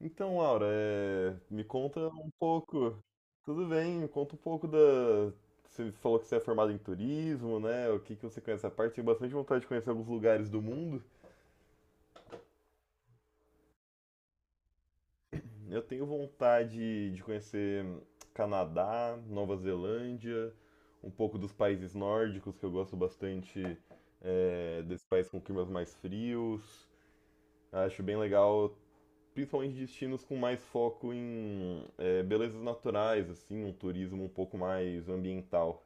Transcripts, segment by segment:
Então, Laura, me conta um pouco. Tudo bem, me conta um pouco da. Você falou que você é formado em turismo, né? O que que você conhece a parte? Tenho bastante vontade de conhecer alguns lugares do mundo. Eu tenho vontade de conhecer Canadá, Nova Zelândia, um pouco dos países nórdicos, que eu gosto bastante, desses países com climas mais frios. Acho bem legal principalmente destinos com mais foco em belezas naturais, assim, um turismo um pouco mais ambiental.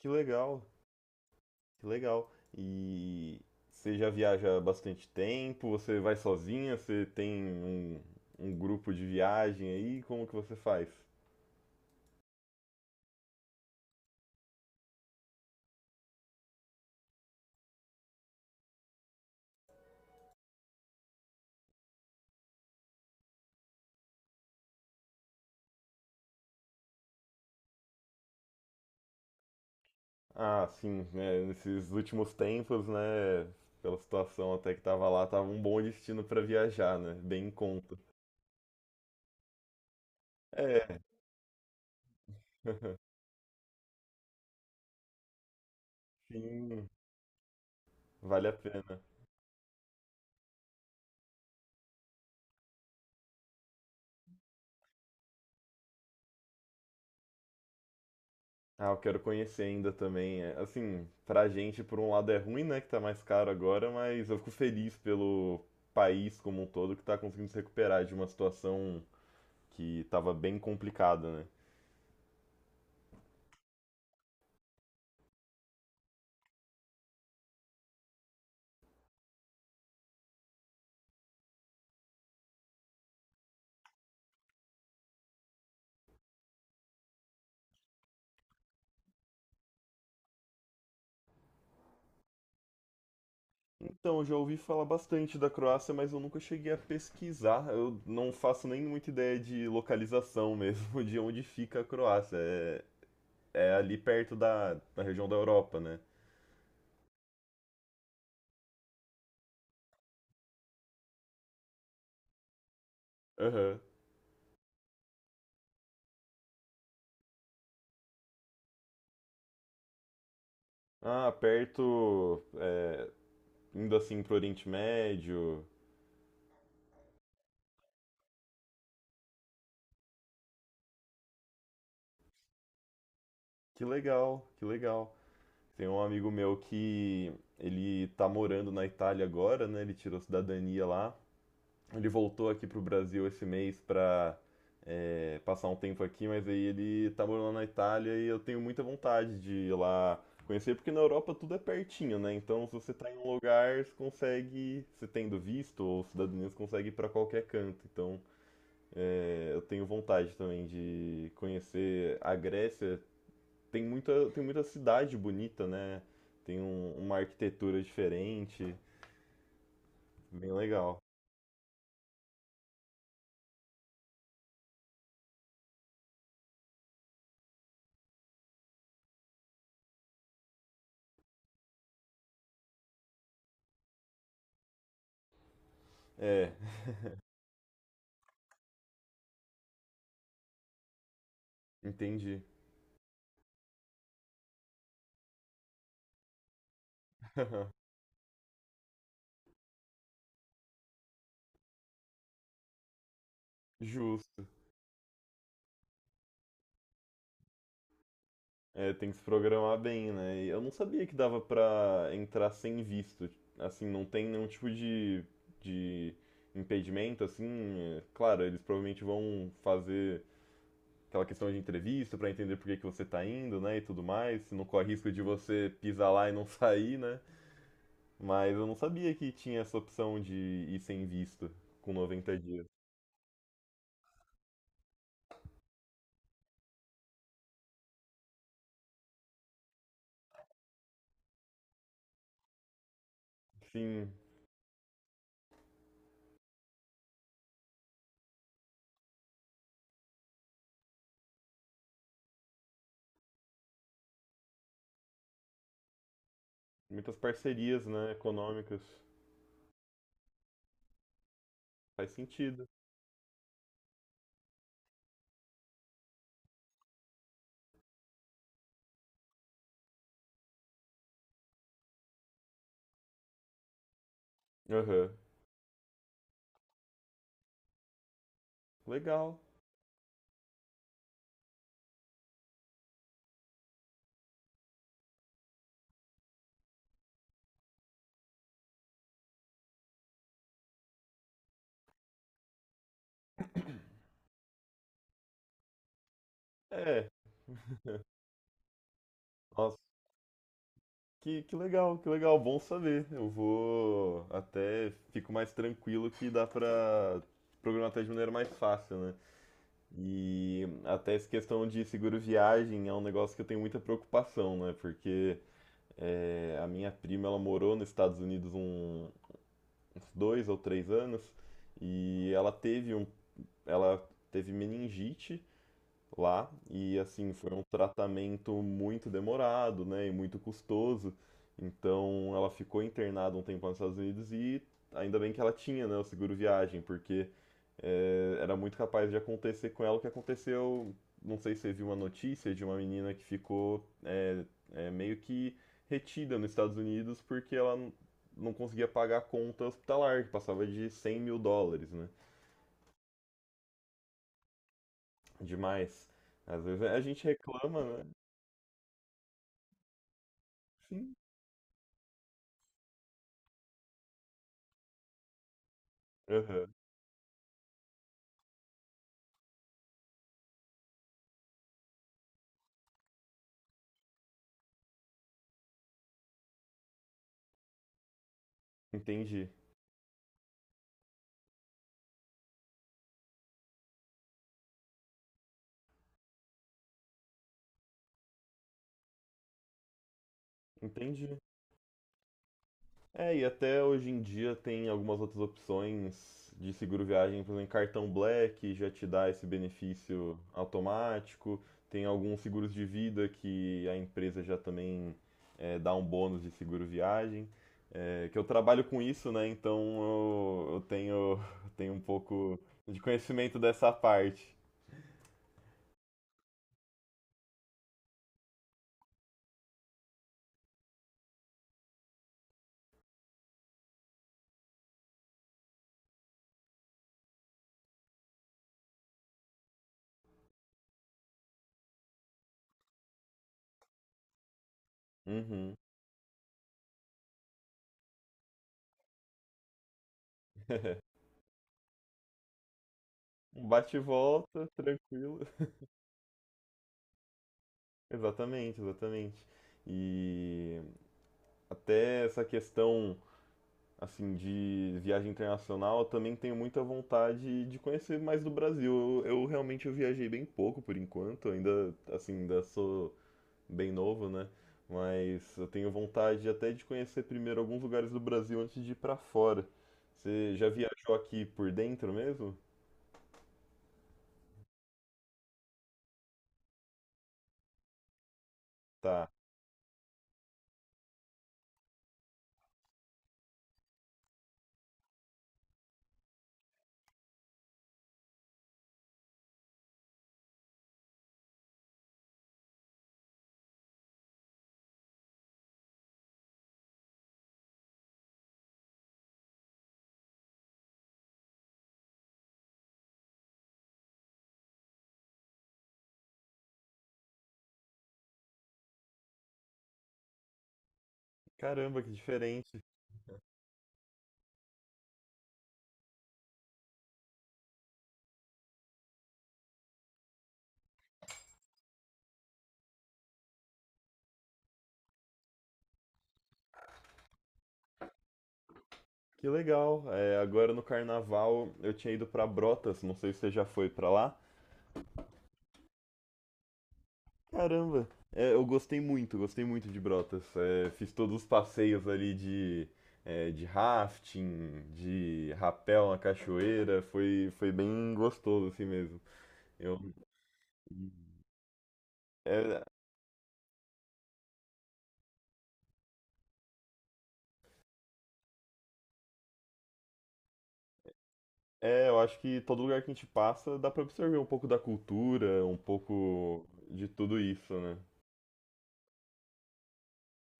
Que legal, que legal. E você já viaja há bastante tempo? Você vai sozinha? Você tem um grupo de viagem aí? Como que você faz? Ah, sim, né, nesses últimos tempos, né, pela situação até que tava lá, tava um bom destino para viajar, né? Bem em conta. É, sim, vale a pena. Ah, eu quero conhecer ainda também. É, assim, pra gente, por um lado é ruim, né, que tá mais caro agora, mas eu fico feliz pelo país como um todo que tá conseguindo se recuperar de uma situação que tava bem complicada, né? Então, eu já ouvi falar bastante da Croácia, mas eu nunca cheguei a pesquisar. Eu não faço nem muita ideia de localização mesmo, de onde fica a Croácia. É, é ali perto da região da Europa, né? Aham. Ah, perto, indo assim pro Oriente Médio. Que legal, que legal. Tem um amigo meu que ele tá morando na Itália agora, né? Ele tirou cidadania lá. Ele voltou aqui pro Brasil esse mês pra passar um tempo aqui, mas aí ele tá morando na Itália e eu tenho muita vontade de ir lá conhecer, porque na Europa tudo é pertinho, né? Então, se você tá em um lugar, você consegue, você tendo visto ou cidadania, você consegue ir pra qualquer canto. Então eu tenho vontade também de conhecer a Grécia, tem muita cidade bonita, né? Tem uma arquitetura diferente, bem legal. É, entendi. Justo. É, tem que se programar bem, né? E eu não sabia que dava pra entrar sem visto. Assim, não tem nenhum tipo de impedimento, assim. Claro, eles provavelmente vão fazer aquela questão de entrevista pra entender por que que você tá indo, né? E tudo mais. Não corre risco de você pisar lá e não sair, né? Mas eu não sabia que tinha essa opção de ir sem visto com 90 dias. Sim, muitas parcerias, né, econômicas. Faz sentido. Aham. Legal. É, nossa, que legal, bom saber. Eu vou até fico mais tranquilo que dá pra programar até de maneira mais fácil, né? E até essa questão de seguro viagem é um negócio que eu tenho muita preocupação, né? Porque a minha prima, ela morou nos Estados Unidos um, uns 2 ou 3 anos e ela teve meningite lá e assim foi um tratamento muito demorado, né, e muito custoso. Então ela ficou internada um tempo nos Estados Unidos e ainda bem que ela tinha, né, o seguro viagem, porque era muito capaz de acontecer com ela o que aconteceu. Não sei se você viu uma notícia de uma menina que ficou meio que retida nos Estados Unidos porque ela não conseguia pagar a conta hospitalar, que passava de US$ 100.000, né? Demais. Às vezes a gente reclama, né? Sim. Aham, entendi, entendi. É, e até hoje em dia tem algumas outras opções de seguro viagem, por exemplo, cartão Black já te dá esse benefício automático. Tem alguns seguros de vida que a empresa já também dá um bônus de seguro viagem. É que eu trabalho com isso, né? Então eu tenho, tenho um pouco de conhecimento dessa parte. Uhum. Um bate e volta, tranquilo. Exatamente, exatamente. E até essa questão assim de viagem internacional, eu também tenho muita vontade de conhecer mais do Brasil. Eu realmente eu viajei bem pouco por enquanto, ainda assim, ainda sou bem novo, né? Mas eu tenho vontade até de conhecer primeiro alguns lugares do Brasil antes de ir pra fora. Você já viajou aqui por dentro mesmo? Tá. Caramba, que diferente. Que legal. É, agora no carnaval eu tinha ido pra Brotas, não sei se você já foi pra lá. Caramba. É, eu gostei muito de Brotas. É, fiz todos os passeios ali de, de rafting, de rapel na cachoeira, foi bem gostoso assim mesmo. Eu, é, eu acho que todo lugar que a gente passa dá pra absorver um pouco da cultura, um pouco de tudo isso, né?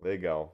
Legal.